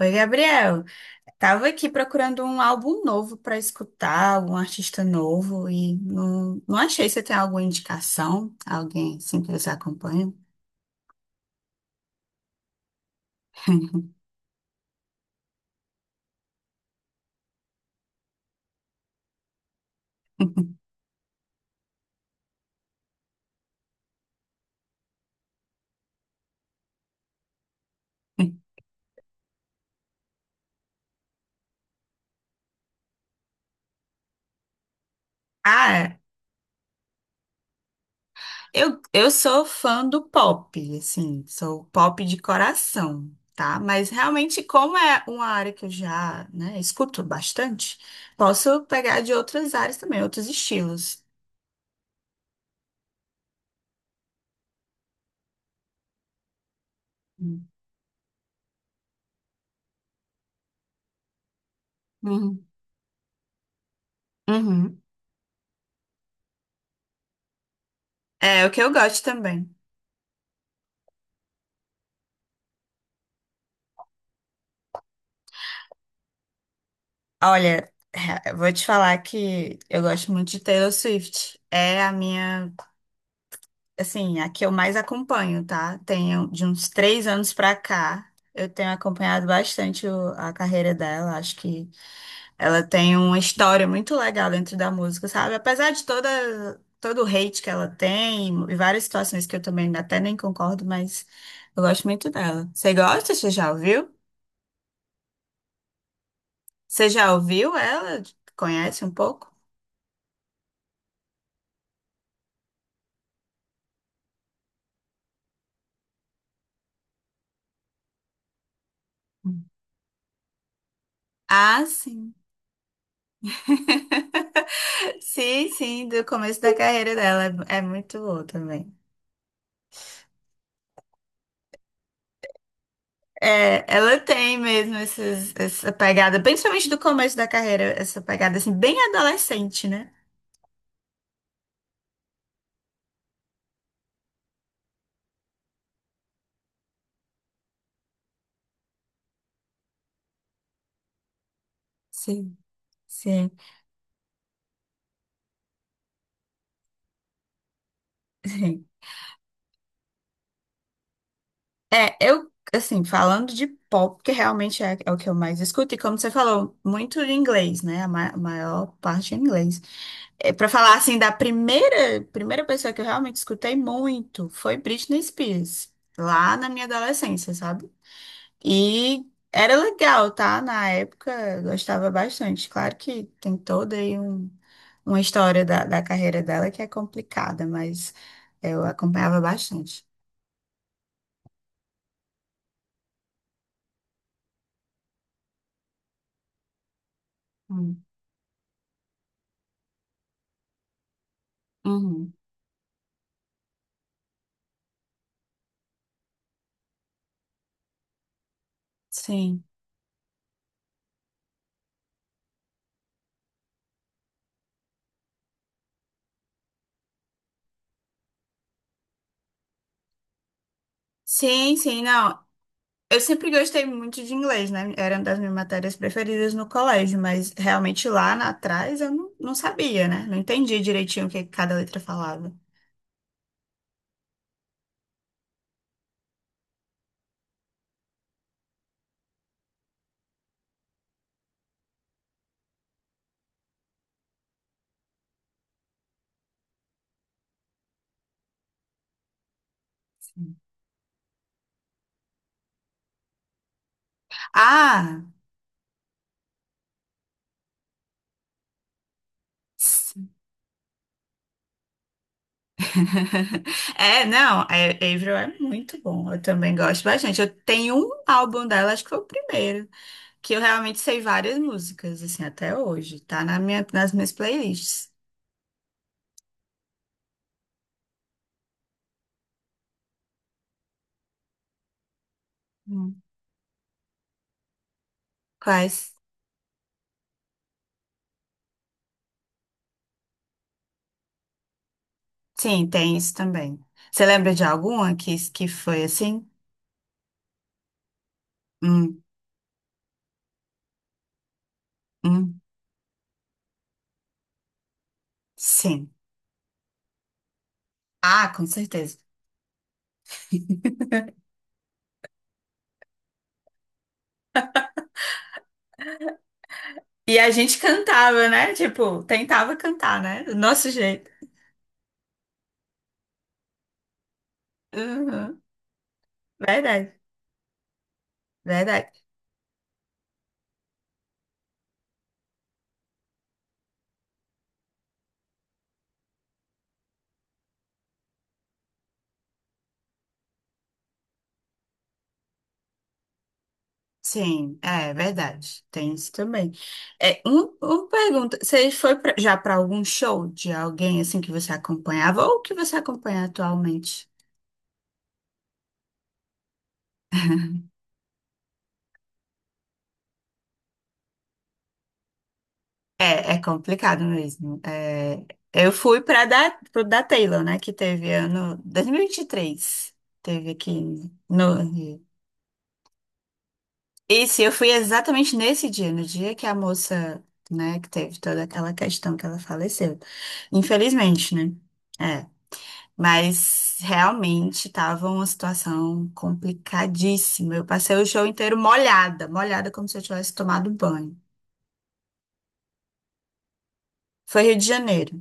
Oi, Gabriel. Tava aqui procurando um álbum novo para escutar, um artista novo, e não achei. Você tem alguma indicação? Alguém assim que você acompanha? Ah, eu sou fã do pop, assim, sou pop de coração, tá? Mas realmente, como é uma área que eu já, né, escuto bastante, posso pegar de outras áreas também, outros estilos. Uhum. Uhum. É o que eu gosto também. Olha, eu vou te falar que eu gosto muito de Taylor Swift. É a minha, assim, a que eu mais acompanho, tá? Tenho de uns 3 anos pra cá. Eu tenho acompanhado bastante a carreira dela. Acho que ela tem uma história muito legal dentro da música, sabe? Apesar de todo o hate que ela tem e várias situações que eu também até nem concordo, mas eu gosto muito dela. Você gosta? Você já ouviu? Você já ouviu ela? Conhece um pouco? Ah, sim. Sim, do começo da carreira dela. É muito boa também. É, ela tem mesmo essa pegada, principalmente do começo da carreira, essa pegada assim, bem adolescente, né? Sim. Sim, sim. É, eu, assim, falando de pop, que realmente é o que eu mais escuto, e como você falou, muito em inglês, né? A maior parte em inglês. É, para falar assim da primeira pessoa que eu realmente escutei muito foi Britney Spears, lá na minha adolescência, sabe? E era legal, tá? Na época eu gostava bastante. Claro que tem toda aí uma história da carreira dela que é complicada, mas eu acompanhava bastante. Hum. Uhum. Sim. Sim, sim, não. Eu sempre gostei muito de inglês, né? Era uma das minhas matérias preferidas no colégio, mas realmente lá atrás eu não sabia, né? Não entendia direitinho o que cada letra falava. Ah! s- É, não, a- Avril é muito bom. Eu também gosto bastante. Eu tenho um álbum dela, acho que foi o primeiro, que eu realmente sei várias músicas, assim, até hoje. Tá na nas minhas playlists. Hum. Quais? Sim, tem isso também. Você lembra de alguma que foi assim? Hum, hum, sim. Ah, com certeza. E a gente cantava, né? Tipo, tentava cantar, né? Do nosso jeito. Uhum. Verdade, verdade. Sim, é verdade. Tem isso também. É, uma pergunta. Você foi já para algum show de alguém assim que você acompanhava ou que você acompanha atualmente? É, é complicado mesmo. É, eu fui pro da Taylor, né? Que teve ano dois mil e vinte e três. Teve aqui no Rio. E se eu fui exatamente nesse dia, no dia que a moça, né, que teve toda aquela questão que ela faleceu. Infelizmente, né? É. Mas realmente tava uma situação complicadíssima. Eu passei o show inteiro molhada, molhada como se eu tivesse tomado banho. Foi Rio de Janeiro.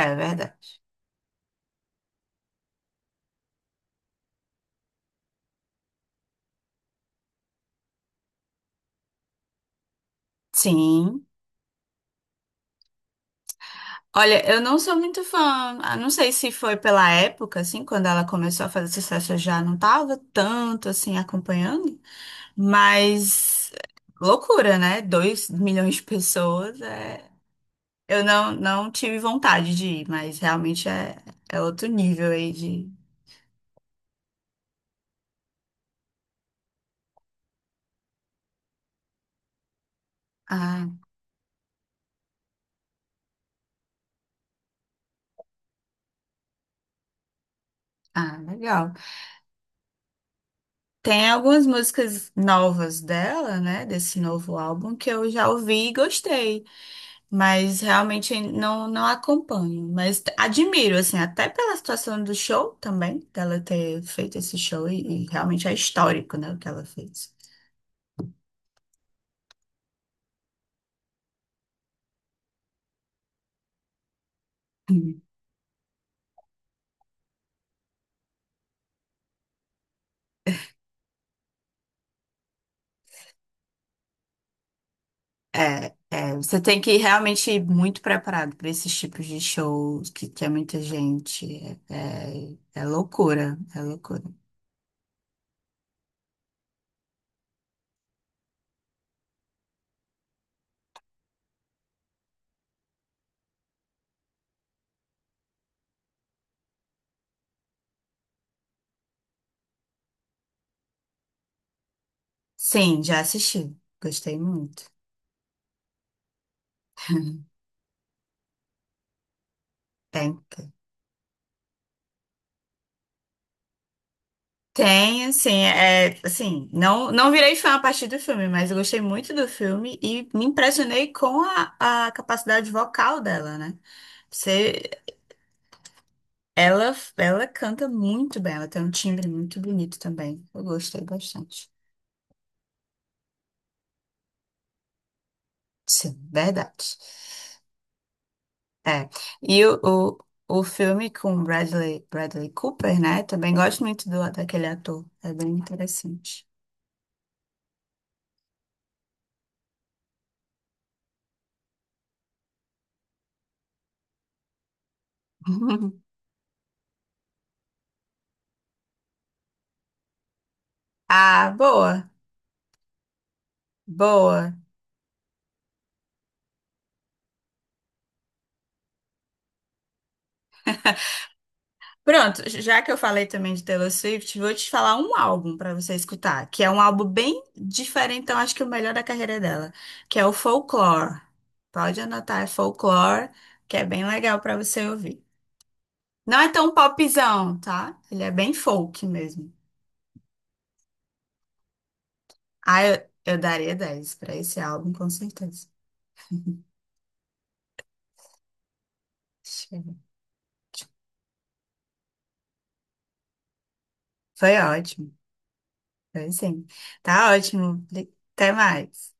É verdade. Sim. Olha, eu não sou muito fã. Não sei se foi pela época, assim, quando ela começou a fazer sucesso, eu já não tava tanto assim acompanhando. Mas loucura, né? 2 milhões de pessoas é... Eu não tive vontade de ir, mas realmente é outro nível aí de. Ah, legal. Tem algumas músicas novas dela, né? Desse novo álbum que eu já ouvi e gostei, mas realmente não acompanho. Mas admiro, assim, até pela situação do show também, dela ter feito esse show e realmente é histórico, né? O que ela fez. Você tem que realmente ir muito preparado para esses tipos de shows que, tem muita gente. É loucura, é loucura. Sim, já assisti. Gostei muito. Tem, tem, Tem, assim, não virei fã a partir do filme, mas eu gostei muito do filme e me impressionei com a capacidade vocal dela, né? Você, ela canta muito bem, ela tem um timbre muito bonito também. Eu gostei bastante. Sim, verdade. É. E o, o filme com Bradley Cooper, né? Também gosto muito daquele ator. É bem interessante. Ah, boa, boa. Pronto, já que eu falei também de Taylor Swift, vou te falar um álbum para você escutar, que é um álbum bem diferente, então acho que é o melhor da carreira dela, que é o Folklore. Pode anotar, é Folklore, que é bem legal para você ouvir. Não é tão popzão, tá? Ele é bem folk mesmo. Ah, eu daria 10 para esse álbum, com certeza. Chega. Foi ótimo. Foi sim. Tá ótimo. Até mais.